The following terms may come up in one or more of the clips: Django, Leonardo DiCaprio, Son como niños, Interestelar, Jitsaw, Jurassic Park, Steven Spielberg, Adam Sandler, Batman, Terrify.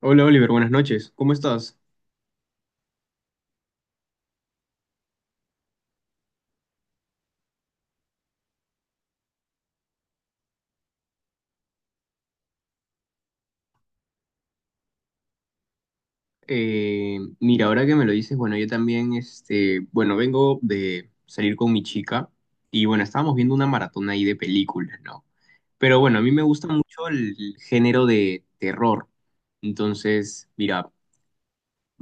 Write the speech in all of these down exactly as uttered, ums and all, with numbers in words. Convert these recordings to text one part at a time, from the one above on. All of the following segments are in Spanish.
Hola Oliver, buenas noches. ¿Cómo estás? Eh, mira, ahora que me lo dices, bueno, yo también, este, bueno, vengo de salir con mi chica y bueno, estábamos viendo una maratón ahí de películas, ¿no? Pero bueno, a mí me gusta mucho el género de terror. Entonces, mira,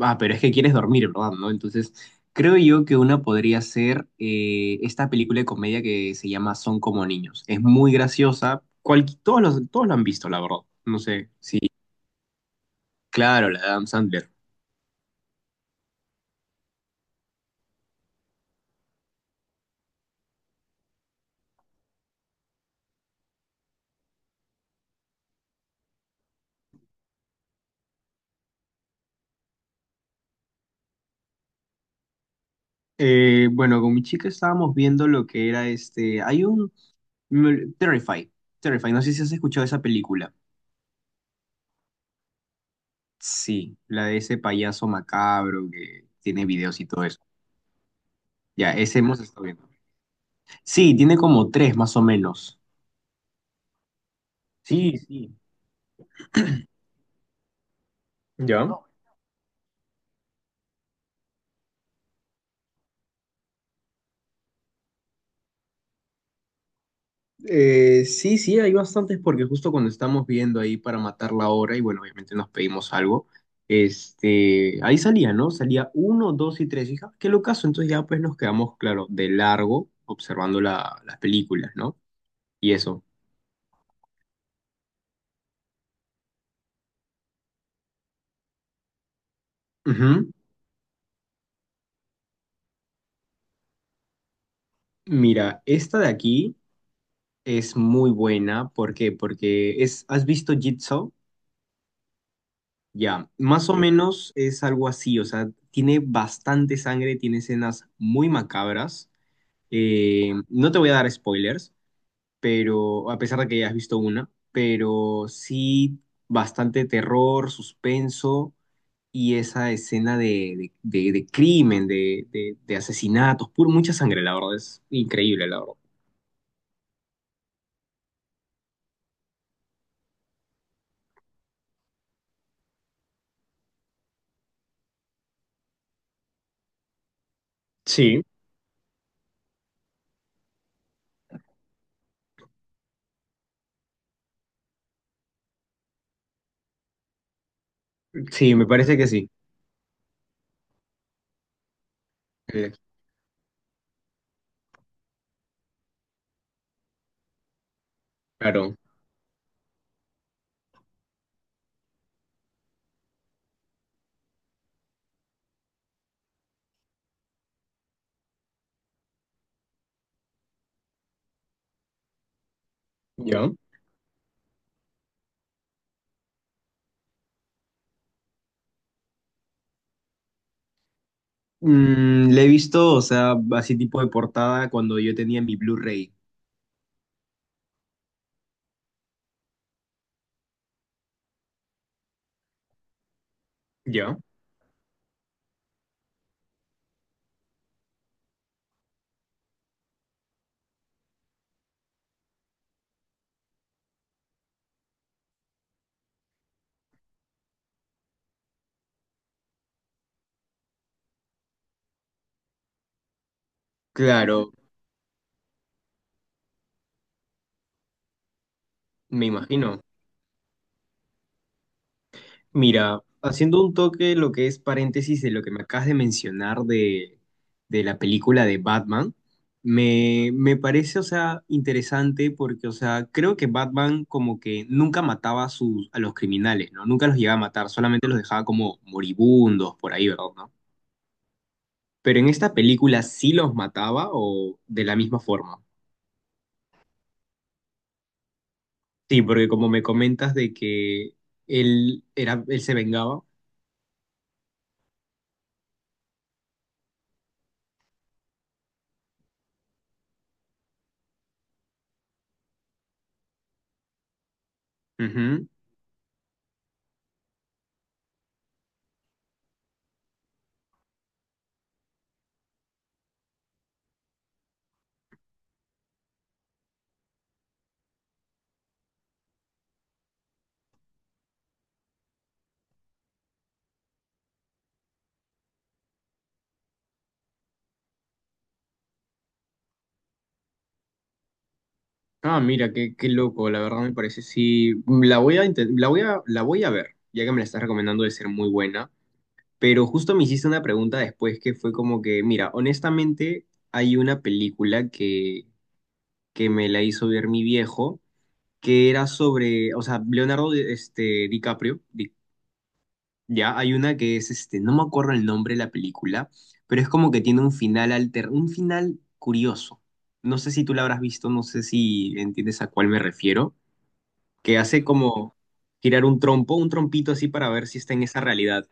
ah, pero es que quieres dormir, ¿verdad? ¿No? Entonces, creo yo que una podría ser eh, esta película de comedia que se llama Son como niños. Es muy graciosa. Cual, todos los, todos lo han visto, la verdad. No sé, sí, claro, la de Adam Sandler. Eh, bueno, con mi chica estábamos viendo lo que era este. Hay un. me- Terrify. Terrify. No sé si has escuchado esa película. Sí, la de ese payaso macabro que tiene videos y todo eso. Ya, ese hemos estado viendo. Sí, tiene como tres más o menos. Sí, sí. ¿Ya? Eh, sí, sí, hay bastantes porque justo cuando estamos viendo ahí para matar la hora y bueno, obviamente nos pedimos algo, este, ahí salía, ¿no? Salía uno, dos y tres, hija, qué locazo, entonces ya pues nos quedamos, claro, de largo observando la- las películas, ¿no? Y eso. Ujú. Mira, esta de aquí es muy buena, ¿por qué? Porque es, ¿has visto Jitsaw? Ya, más o menos es algo así, o sea, tiene bastante sangre, tiene escenas muy macabras. Eh, no te voy a dar spoilers, pero a pesar de que ya has visto una, pero sí bastante terror, suspenso y esa escena de, de- de- de crimen, de, de- de asesinatos, puro, mucha sangre, la verdad, es increíble, la verdad. Sí, sí, me parece que sí. Eh, claro, yo. Mm, le he visto, o sea, así tipo de portada cuando yo tenía mi Blu-ray. Yo. Claro, me imagino. Mira, haciendo un toque lo que es paréntesis de lo que me acabas de mencionar de, de la película de Batman, me, me parece, o sea, interesante porque, o sea, creo que Batman como que nunca mataba a, sus, a los criminales, ¿no? Nunca los llegaba a matar, solamente los dejaba como moribundos por ahí, ¿verdad? ¿No? Pero en esta película sí los mataba o de la misma forma. Sí, porque como me comentas de que él, era, él se vengaba. Ujú. Ah, mira, qué, qué loco, la verdad me parece. Sí, mm, la voy a, inten- la voy a, la voy a ver, ya que me la estás recomendando de ser muy buena. Pero justo me hiciste una pregunta después que fue como que, mira, honestamente hay una película que, que me la hizo ver mi viejo, que era sobre, o sea, Leonardo este, DiCaprio, Di- ya, hay una que es, este, no me acuerdo el nombre de la película, pero es como que tiene un final alter, un final curioso. No sé si tú la habrás visto, no sé si entiendes a cuál me refiero que hace como girar un trompo, un trompito así para ver si está en esa realidad.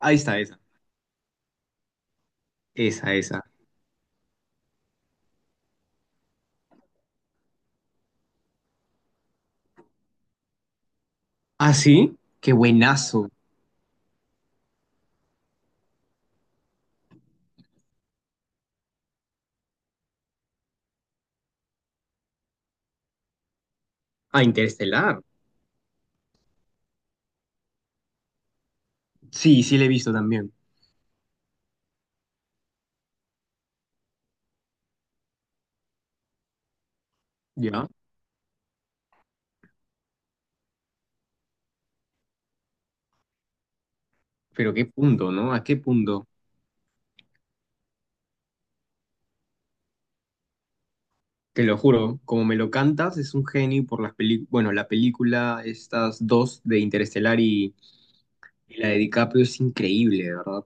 Ahí está esa, esa, esa. Ah, sí, qué buenazo. Ah, Interestelar. Sí, sí, le he visto también. Ya, pero qué punto, ¿no? ¿A qué punto? Te lo juro, como me lo cantas, es un genio por las películas. Bueno, la película, estas dos de Interestelar y, y la de DiCaprio es increíble, de verdad.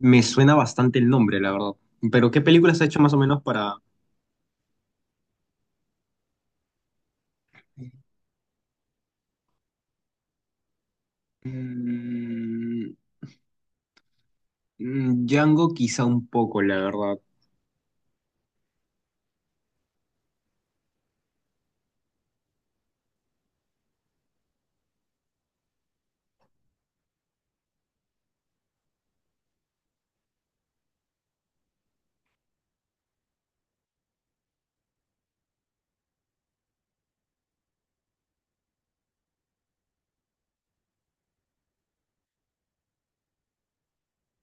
Me suena bastante el nombre, la verdad. Pero ¿qué películas ha hecho más o menos para, mm, mm, Django quizá un poco, la verdad.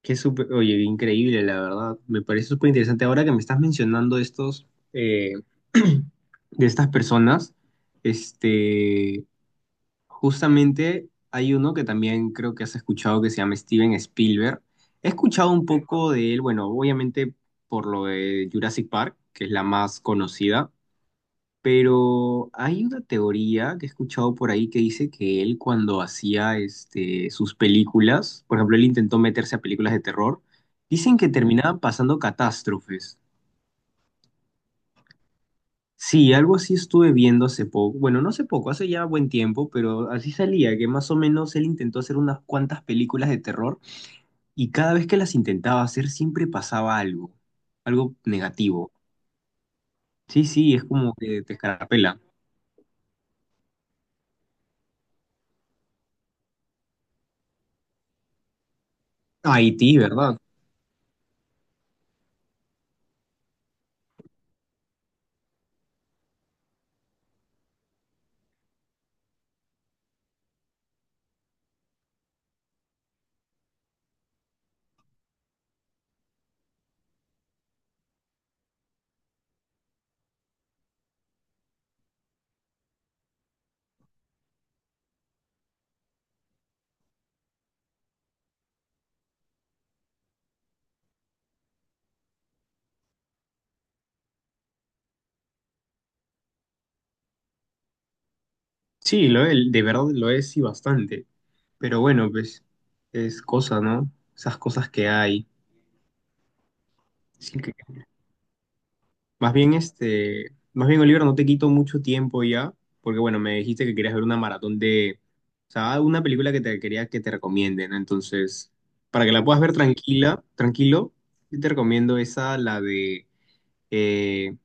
Que súper, oye, increíble, la verdad. Me parece súper interesante. Ahora que me estás mencionando estos, eh, de estas personas, este, justamente hay uno que también creo que has escuchado que se llama Steven Spielberg. He escuchado un poco de él, bueno, obviamente por lo de Jurassic Park, que es la más conocida. Pero hay una teoría que he escuchado por ahí que dice que él cuando hacía este, sus películas, por ejemplo, él intentó meterse a películas de terror, dicen que terminaban pasando catástrofes. Sí, algo así estuve viendo hace poco, bueno, no hace poco, hace ya buen tiempo, pero así salía, que más o menos él intentó hacer unas cuantas películas de terror y cada vez que las intentaba hacer siempre pasaba algo, algo negativo. Sí, sí, es como que te escarapela. Haití, ¿verdad? Sí, lo es, de verdad lo es y bastante. Pero bueno, pues es cosa, ¿no? Esas cosas que hay. Así que, más bien, este, más bien, Oliver, no te quito mucho tiempo ya, porque bueno, me dijiste que querías ver una maratón de, o sea, una película que te quería que te recomiende, ¿no? Entonces, para que la puedas ver tranquila, tranquilo, yo te recomiendo esa, la de, eh,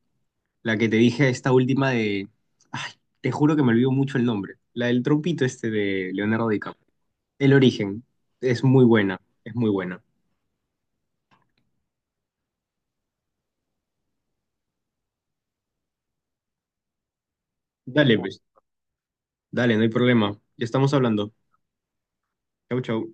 la que te dije, esta última de, ay, te juro que me olvido mucho el nombre, la del trompito este de Leonardo DiCaprio. El origen es muy buena, es muy buena. Dale, pues, dale, no hay problema. Ya estamos hablando. Chau, chau.